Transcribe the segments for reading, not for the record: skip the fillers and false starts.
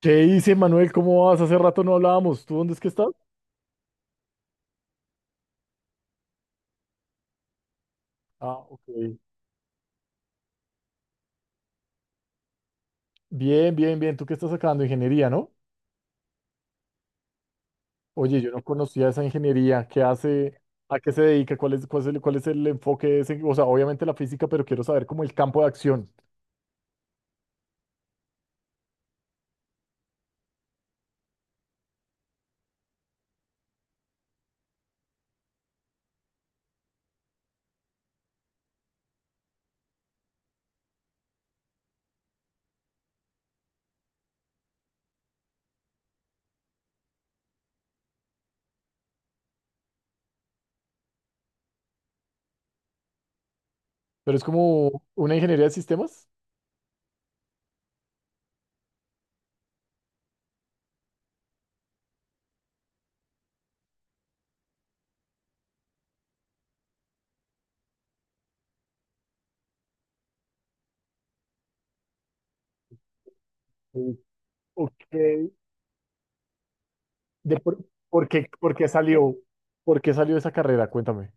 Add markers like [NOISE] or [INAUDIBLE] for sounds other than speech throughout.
¿Qué dice Manuel? ¿Cómo vas? Hace rato no hablábamos. ¿Tú dónde es que estás? Ah, ok. Bien, bien, bien. ¿Tú qué estás sacando? Ingeniería, ¿no? Oye, yo no conocía esa ingeniería. ¿Qué hace? ¿A qué se dedica? ¿Cuál es el enfoque de ese? O sea, obviamente la física, pero quiero saber como el campo de acción. Pero es como una ingeniería de sistemas. Sí. Ok. De por qué salió? ¿Por qué salió esa carrera? Cuéntame.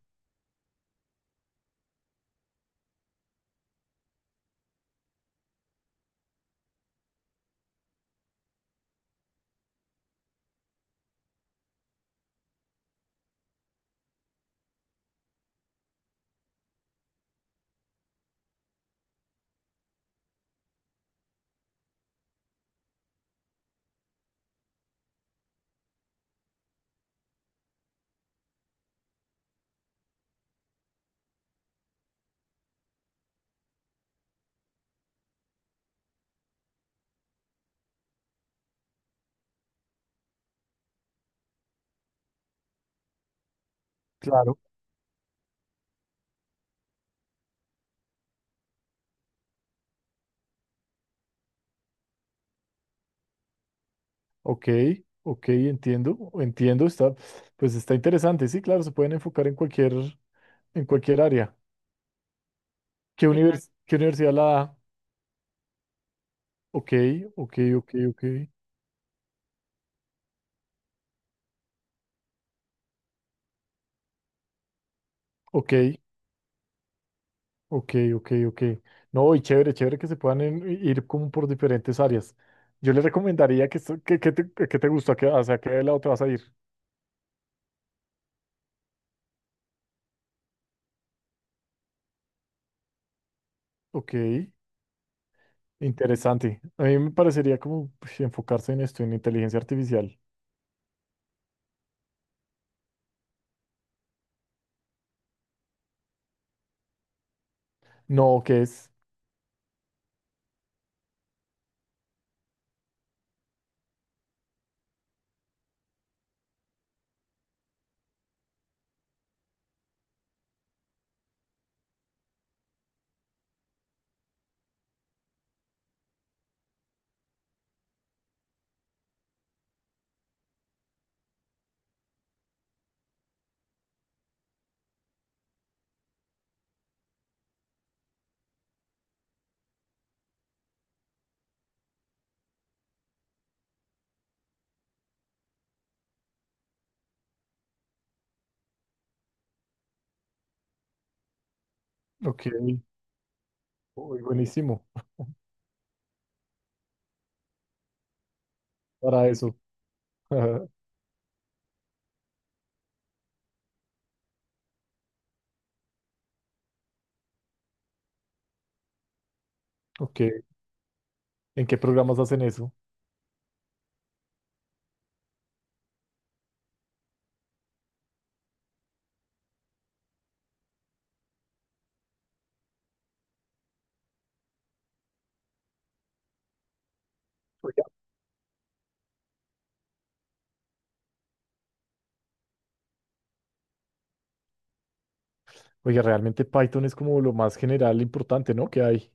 Claro. Ok, ok, entiendo, entiendo, pues está interesante, sí, claro, se pueden enfocar en cualquier área. ¿Qué Exacto. Qué universidad la da? Ok, ok, ok, ok, ok, ok, ok, ok. No, y chévere, chévere que se puedan ir como por diferentes áreas. Yo les recomendaría que, esto- que te gusta, que, hacia qué lado te vas a ir. Ok, interesante. A mí me parecería como pues, enfocarse en esto, en inteligencia artificial. No, ¿qué es? Ok, uy, buenísimo para eso. [LAUGHS] Ajá, Ok, ¿en qué programas hacen eso? Oiga, Oiga, realmente Python es como lo más general importante, ¿no? Que hay.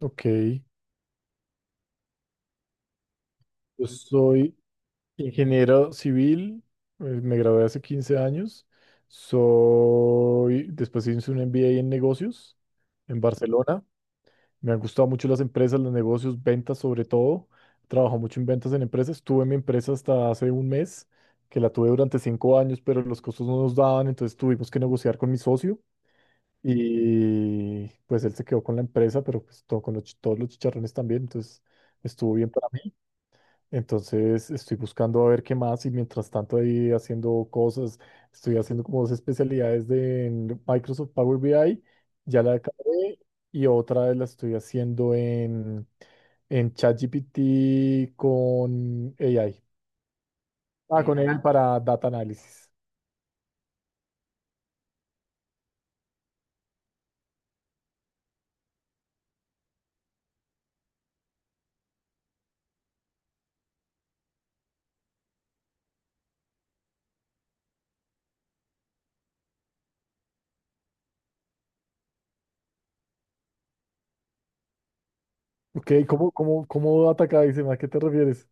Ok, yo soy ingeniero civil, me gradué hace 15 años, soy, después hice un MBA en negocios en Barcelona, me han gustado mucho las empresas, los negocios, ventas sobre todo, trabajo mucho en ventas en empresas, estuve en mi empresa hasta hace un mes, que la tuve durante 5 años, pero los costos no nos daban, entonces tuvimos que negociar con mi socio. Y pues él se quedó con la empresa, pero pues todo, con todos los chicharrones también, entonces estuvo bien para mí. Entonces estoy buscando a ver qué más y mientras tanto ahí haciendo cosas, estoy haciendo como dos especialidades de en Microsoft Power BI, ya la acabé y otra la estoy haciendo en ChatGPT con AI. Ah, con AI para data análisis. Ok, ¿cómo, cómo, cómo data acá? Dice, ¿a qué te refieres?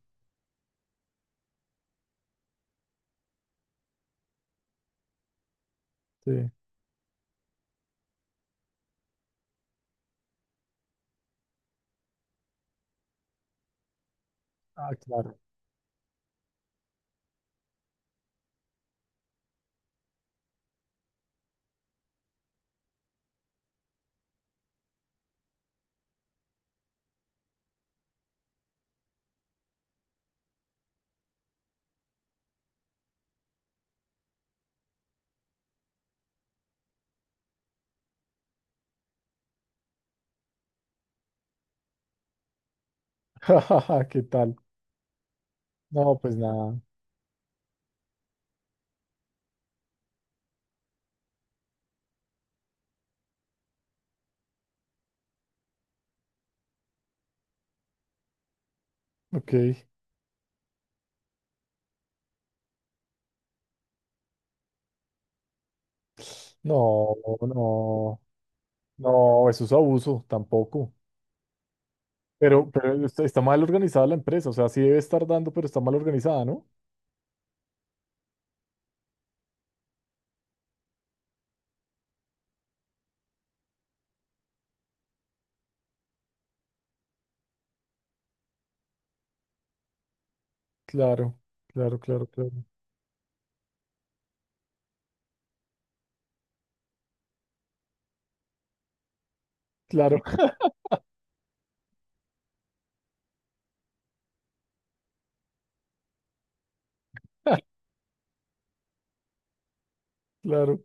Sí. Ah, claro. [LAUGHS] ¿Qué tal? No, pues nada. Ok. No, no, no, eso es abuso, tampoco. Pero está, está mal organizada la empresa, o sea, sí debe estar dando, pero está mal organizada, ¿no? Claro, claro, claro, claro. Claro, [LAUGHS] claro.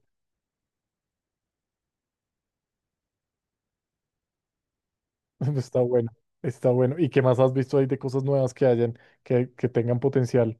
[LAUGHS] Está bueno, está bueno. ¿Y qué más has visto ahí de cosas nuevas que hayan, que tengan potencial?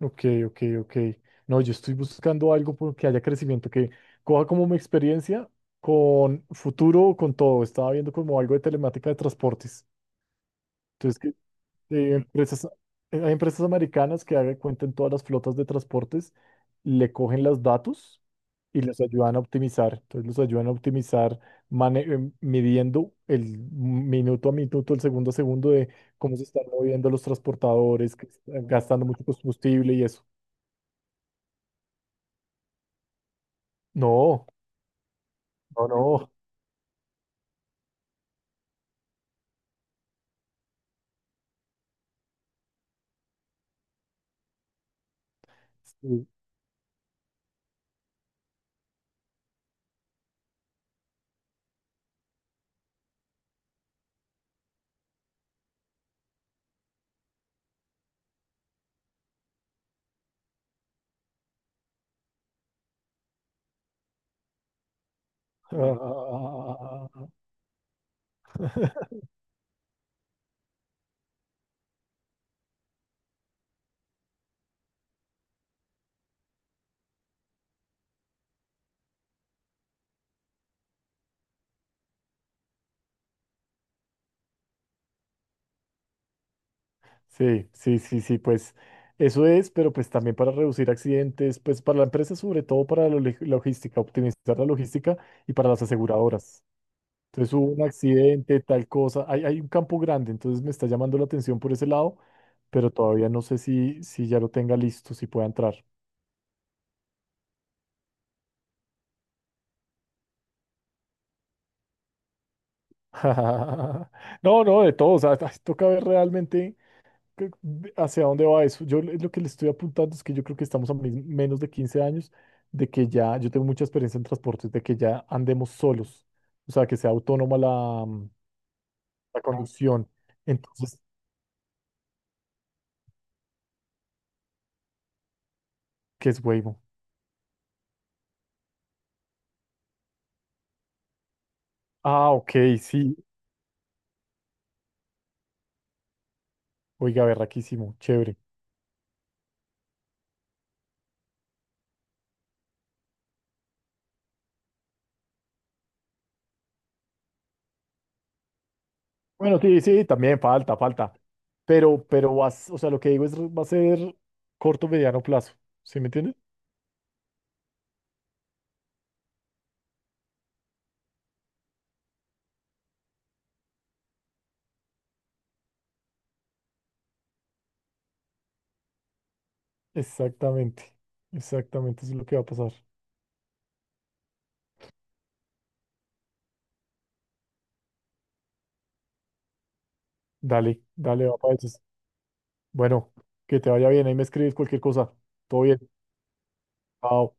Ok, ok, ok. No, yo estoy buscando algo por que haya crecimiento, que coja como mi experiencia con futuro, con todo. Estaba viendo como algo de telemática de transportes. Entonces, que empresas, hay empresas americanas que hagan cuenta en todas las flotas de transportes, le cogen los datos y les ayudan a optimizar. Entonces, los ayudan a optimizar midiendo el minuto a minuto, el segundo a segundo de cómo se están moviendo los transportadores, que están gastando mucho combustible y eso. No. No, no. Sí. Ah, ah, ah, ah, ah, ah. [LAUGHS] Sí, sí, sí, sí, pues eso es, pero pues también para reducir accidentes, pues para la empresa, sobre todo para la logística, optimizar la logística y para las aseguradoras. Entonces hubo un accidente, tal cosa, hay un campo grande, entonces me está llamando la atención por ese lado, pero todavía no sé si, si ya lo tenga listo, si pueda entrar. [LAUGHS] No, no, de todo, o sea, [LAUGHS] toca ver realmente. que- ¿Hacia dónde va eso? Lo que le estoy apuntando es que yo creo que estamos a menos de 15 años de que ya, yo tengo mucha experiencia en transportes, de que ya andemos solos, o sea, que sea autónoma la conducción. Entonces, ¿qué es Waymo? Ah, ok, sí, oiga, berraquísimo, chévere. Bueno, sí, sí, también falta, falta, pero vas, o sea, lo que digo es, va a ser corto, mediano plazo, ¿sí me entiendes? Exactamente, exactamente, eso es lo que va a pasar. Dale, dale, va para eso. Bueno, que te vaya bien, ahí me escribes cualquier cosa. Todo bien. Chao.